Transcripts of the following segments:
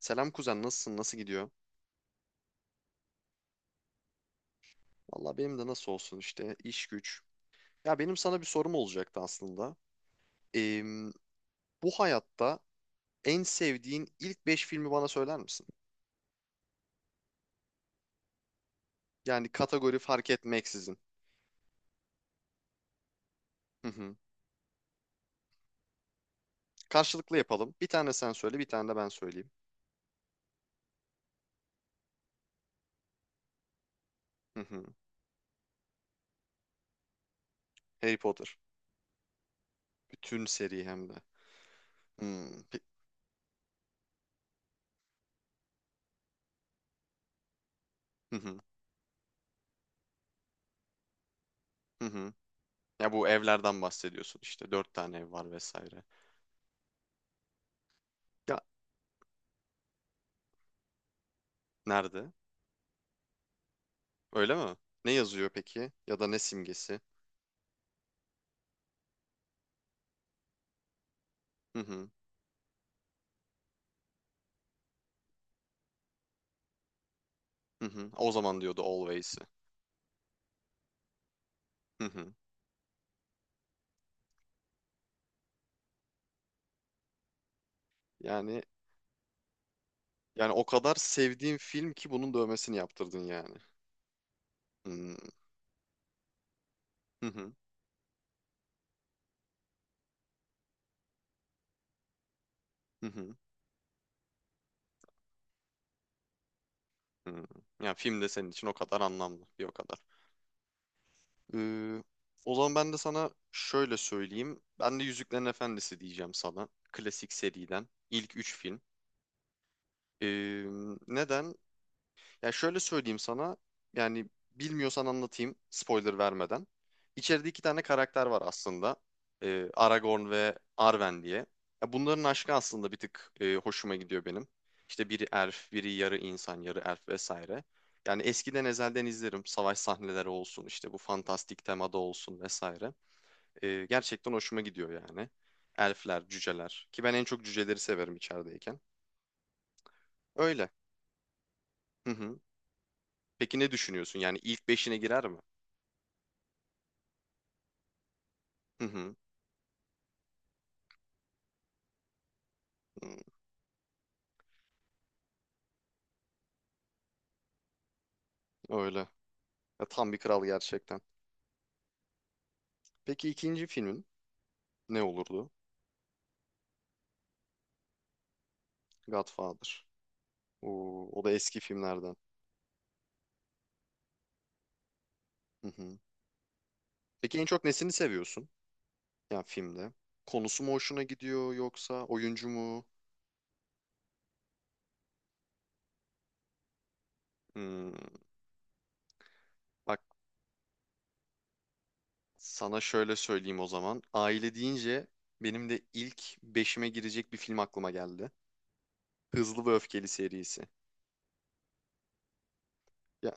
Selam kuzen, nasılsın? Nasıl gidiyor? Valla benim de nasıl olsun işte, iş güç. Ya benim sana bir sorum olacaktı aslında. Eee, bu hayatta en sevdiğin ilk 5 filmi bana söyler misin? Yani kategori fark etmeksizin. Hı hı. Karşılıklı yapalım. Bir tane sen söyle, bir tane de ben söyleyeyim. Hı hı. Harry Potter. Bütün seri hem de. Hmm. Hı hı. Hı hı. Ya bu evlerden bahsediyorsun işte. Dört tane ev var vesaire. Ya, nerede? Öyle mi? Ne yazıyor peki? Ya da ne simgesi? Hı hı. Hı hı. O zaman diyordu Always'i. Hı hı. Yani yani o kadar sevdiğim film ki bunun dövmesini yaptırdın yani. Hmm. Hı hı. Hı hı. Hı. Yani film de senin için o kadar anlamlı. Bir o kadar. Ee, O zaman ben de sana şöyle söyleyeyim. Ben de Yüzüklerin Efendisi diyeceğim sana. Klasik seriden. İlk 3 film. Ee, Neden? Ya şöyle söyleyeyim sana. Yani bilmiyorsan anlatayım spoiler vermeden. İçeride iki tane karakter var aslında. Aragorn ve Arwen diye. Ya bunların aşkı aslında bir tık hoşuma gidiyor benim. İşte biri elf, biri yarı insan, yarı elf vesaire. Yani eskiden ezelden izlerim. Savaş sahneleri olsun, işte bu fantastik temada olsun vesaire. Gerçekten hoşuma gidiyor yani. Elfler, cüceler. Ki ben en çok cüceleri severim içerideyken. Öyle. Hı hı. Peki ne düşünüyorsun? Yani ilk beşine girer mi? Hı hı. Hı, öyle. Ya, tam bir kral gerçekten. Peki ikinci filmin ne olurdu? Godfather. Oo, o da eski filmlerden. Hı hı. Peki en çok nesini seviyorsun? Yani filmde. Konusu mu hoşuna gidiyor yoksa oyuncu mu? Hmm, bak sana şöyle söyleyeyim o zaman. Aile deyince benim de ilk beşime girecek bir film aklıma geldi. Hızlı ve Öfkeli serisi. Ya,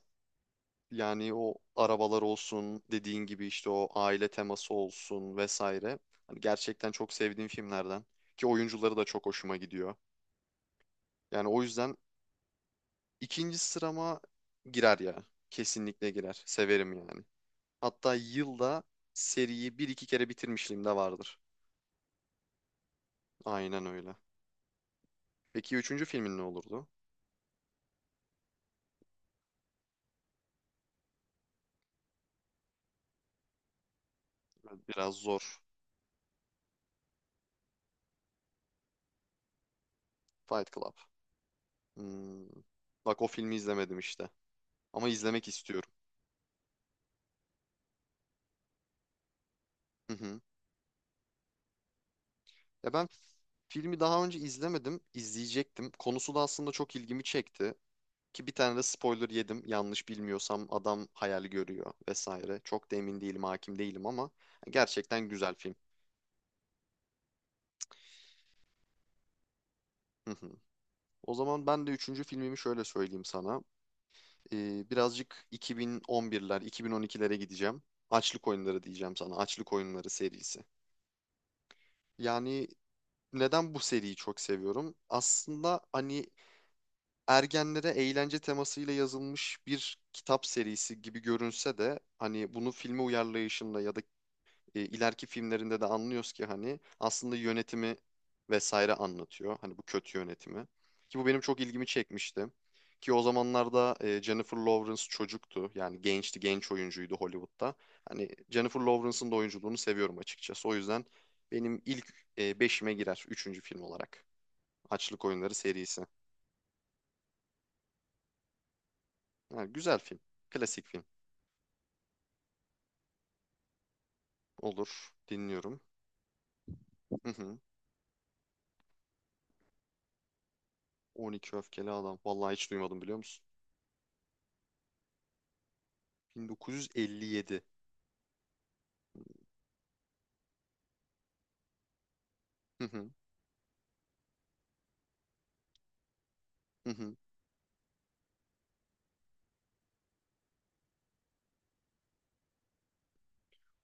yani o arabalar olsun, dediğin gibi işte o aile teması olsun vesaire. Hani gerçekten çok sevdiğim filmlerden ki oyuncuları da çok hoşuma gidiyor. Yani o yüzden ikinci sırama girer ya. Kesinlikle girer. Severim yani. Hatta yılda seriyi bir iki kere bitirmişliğim de vardır. Aynen öyle. Peki üçüncü filmin ne olurdu? Biraz zor. Fight Club. Hmm. Bak, o filmi izlemedim işte. Ama izlemek istiyorum. Hı hı. Ya ben filmi daha önce izlemedim, izleyecektim. Konusu da aslında çok ilgimi çekti. Ki bir tane de spoiler yedim. Yanlış bilmiyorsam adam hayal görüyor vesaire. Çok da emin değilim, hakim değilim ama gerçekten güzel film. Hı hı. O zaman ben de üçüncü filmimi şöyle söyleyeyim sana. Birazcık 2011'ler, 2012'lere gideceğim. Açlık Oyunları diyeceğim sana. Açlık Oyunları serisi. Yani neden bu seriyi çok seviyorum? Aslında hani ergenlere eğlence temasıyla yazılmış bir kitap serisi gibi görünse de hani bunu filme uyarlayışında ya da ileriki filmlerinde de anlıyoruz ki hani aslında yönetimi vesaire anlatıyor. Hani bu kötü yönetimi. Ki bu benim çok ilgimi çekmişti. Ki o zamanlarda Jennifer Lawrence çocuktu. Yani gençti, genç oyuncuydu Hollywood'da. Hani Jennifer Lawrence'ın da oyunculuğunu seviyorum açıkçası. O yüzden benim ilk beşime girer. Üçüncü film olarak. Açlık Oyunları serisi. Yani güzel film. Klasik film. Olur. Dinliyorum. Hı hı. 12 öfkeli adam. Vallahi hiç duymadım biliyor musun? 1957. Hı hı. Hı hı.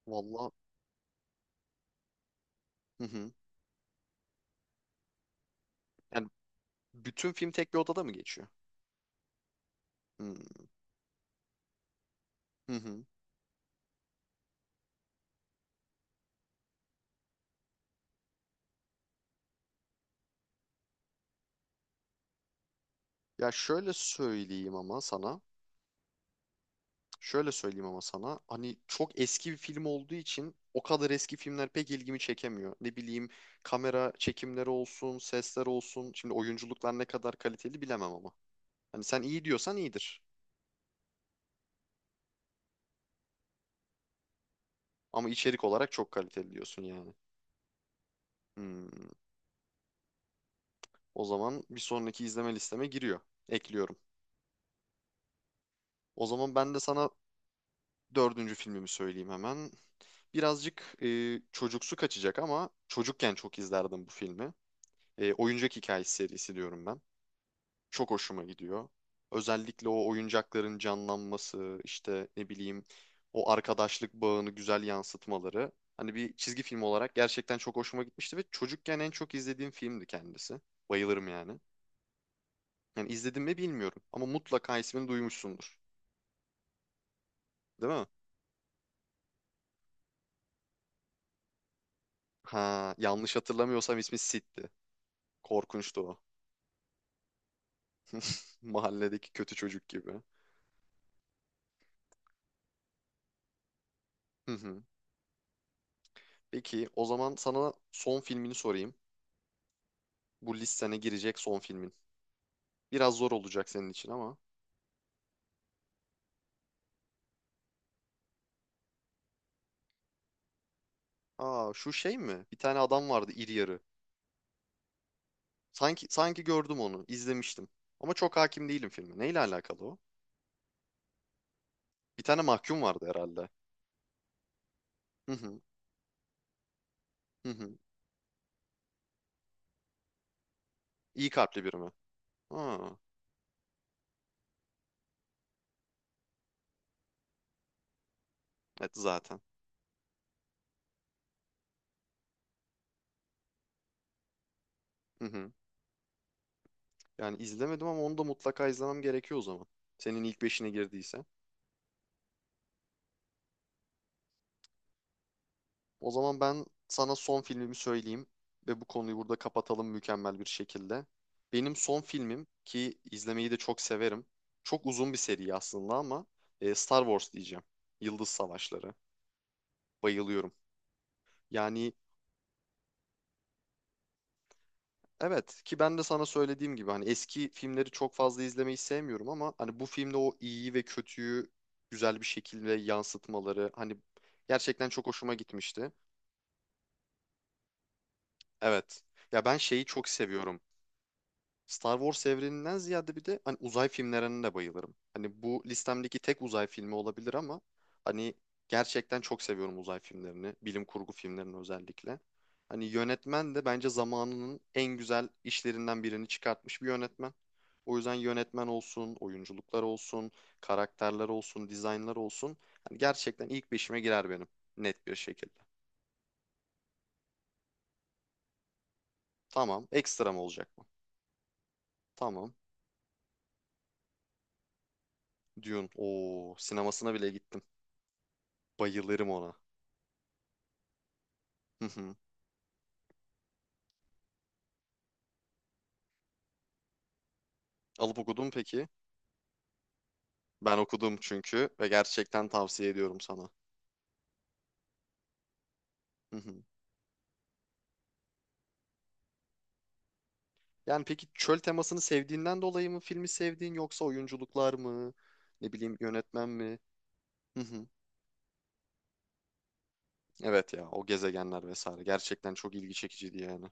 Vallahi. Hı hı. Yani bütün film tek bir odada mı geçiyor? Hı hı. Hı. Ya şöyle söyleyeyim ama sana. Şöyle söyleyeyim ama sana. Hani çok eski bir film olduğu için o kadar eski filmler pek ilgimi çekemiyor. Ne bileyim, kamera çekimleri olsun, sesler olsun. Şimdi oyunculuklar ne kadar kaliteli bilemem ama. Hani sen iyi diyorsan iyidir. Ama içerik olarak çok kaliteli diyorsun yani. Hmm, o zaman bir sonraki izleme listeme giriyor. Ekliyorum. O zaman ben de sana dördüncü filmimi söyleyeyim hemen. Birazcık çocuksu kaçacak ama çocukken çok izlerdim bu filmi. Oyuncak Hikayesi serisi diyorum ben. Çok hoşuma gidiyor. Özellikle o oyuncakların canlanması, işte ne bileyim, o arkadaşlık bağını güzel yansıtmaları. Hani bir çizgi film olarak gerçekten çok hoşuma gitmişti ve çocukken en çok izlediğim filmdi kendisi. Bayılırım yani. Yani izledim mi bilmiyorum ama mutlaka ismini duymuşsundur. Değil mi? Ha, yanlış hatırlamıyorsam ismi Sid'di. Korkunçtu o. Mahalledeki kötü çocuk gibi. Hı hı. Peki o zaman sana son filmini sorayım. Bu listene girecek son filmin. Biraz zor olacak senin için ama. Aa, şu şey mi? Bir tane adam vardı iri yarı. Sanki gördüm onu, izlemiştim. Ama çok hakim değilim filme. Neyle alakalı o? Bir tane mahkum vardı herhalde. Hı hı. Hı hı. İyi kalpli biri mi? Ha, evet zaten. Hı hı. Yani izlemedim ama onu da mutlaka izlemem gerekiyor o zaman. Senin ilk beşine girdiyse. O zaman ben sana son filmimi söyleyeyim ve bu konuyu burada kapatalım mükemmel bir şekilde. Benim son filmim ki izlemeyi de çok severim. Çok uzun bir seri aslında ama Star Wars diyeceğim. Yıldız Savaşları. Bayılıyorum. Yani evet, ki ben de sana söylediğim gibi hani eski filmleri çok fazla izlemeyi sevmiyorum ama hani bu filmde o iyiyi ve kötüyü güzel bir şekilde yansıtmaları hani gerçekten çok hoşuma gitmişti. Evet. Ya ben şeyi çok seviyorum. Star Wars evreninden ziyade bir de hani uzay filmlerine de bayılırım. Hani bu listemdeki tek uzay filmi olabilir ama hani gerçekten çok seviyorum uzay filmlerini, bilim kurgu filmlerini özellikle. Hani yönetmen de bence zamanının en güzel işlerinden birini çıkartmış bir yönetmen. O yüzden yönetmen olsun, oyunculuklar olsun, karakterler olsun, dizaynlar olsun. Hani gerçekten ilk beşime girer benim net bir şekilde. Tamam, ekstra mı olacak mı? Tamam. Dune. Oo, sinemasına bile gittim. Bayılırım ona. Hı hı. Alıp okudun mu peki? Ben okudum çünkü ve gerçekten tavsiye ediyorum sana. Hı hı. Yani peki çöl temasını sevdiğinden dolayı mı filmi sevdiğin yoksa oyunculuklar mı? Ne bileyim, yönetmen mi? Hı hı. Evet ya, o gezegenler vesaire gerçekten çok ilgi çekiciydi yani.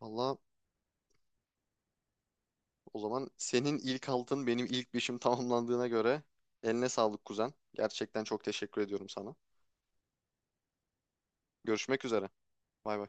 Valla o zaman senin ilk altın benim ilk beşim tamamlandığına göre eline sağlık kuzen. Gerçekten çok teşekkür ediyorum sana. Görüşmek üzere. Bay bay.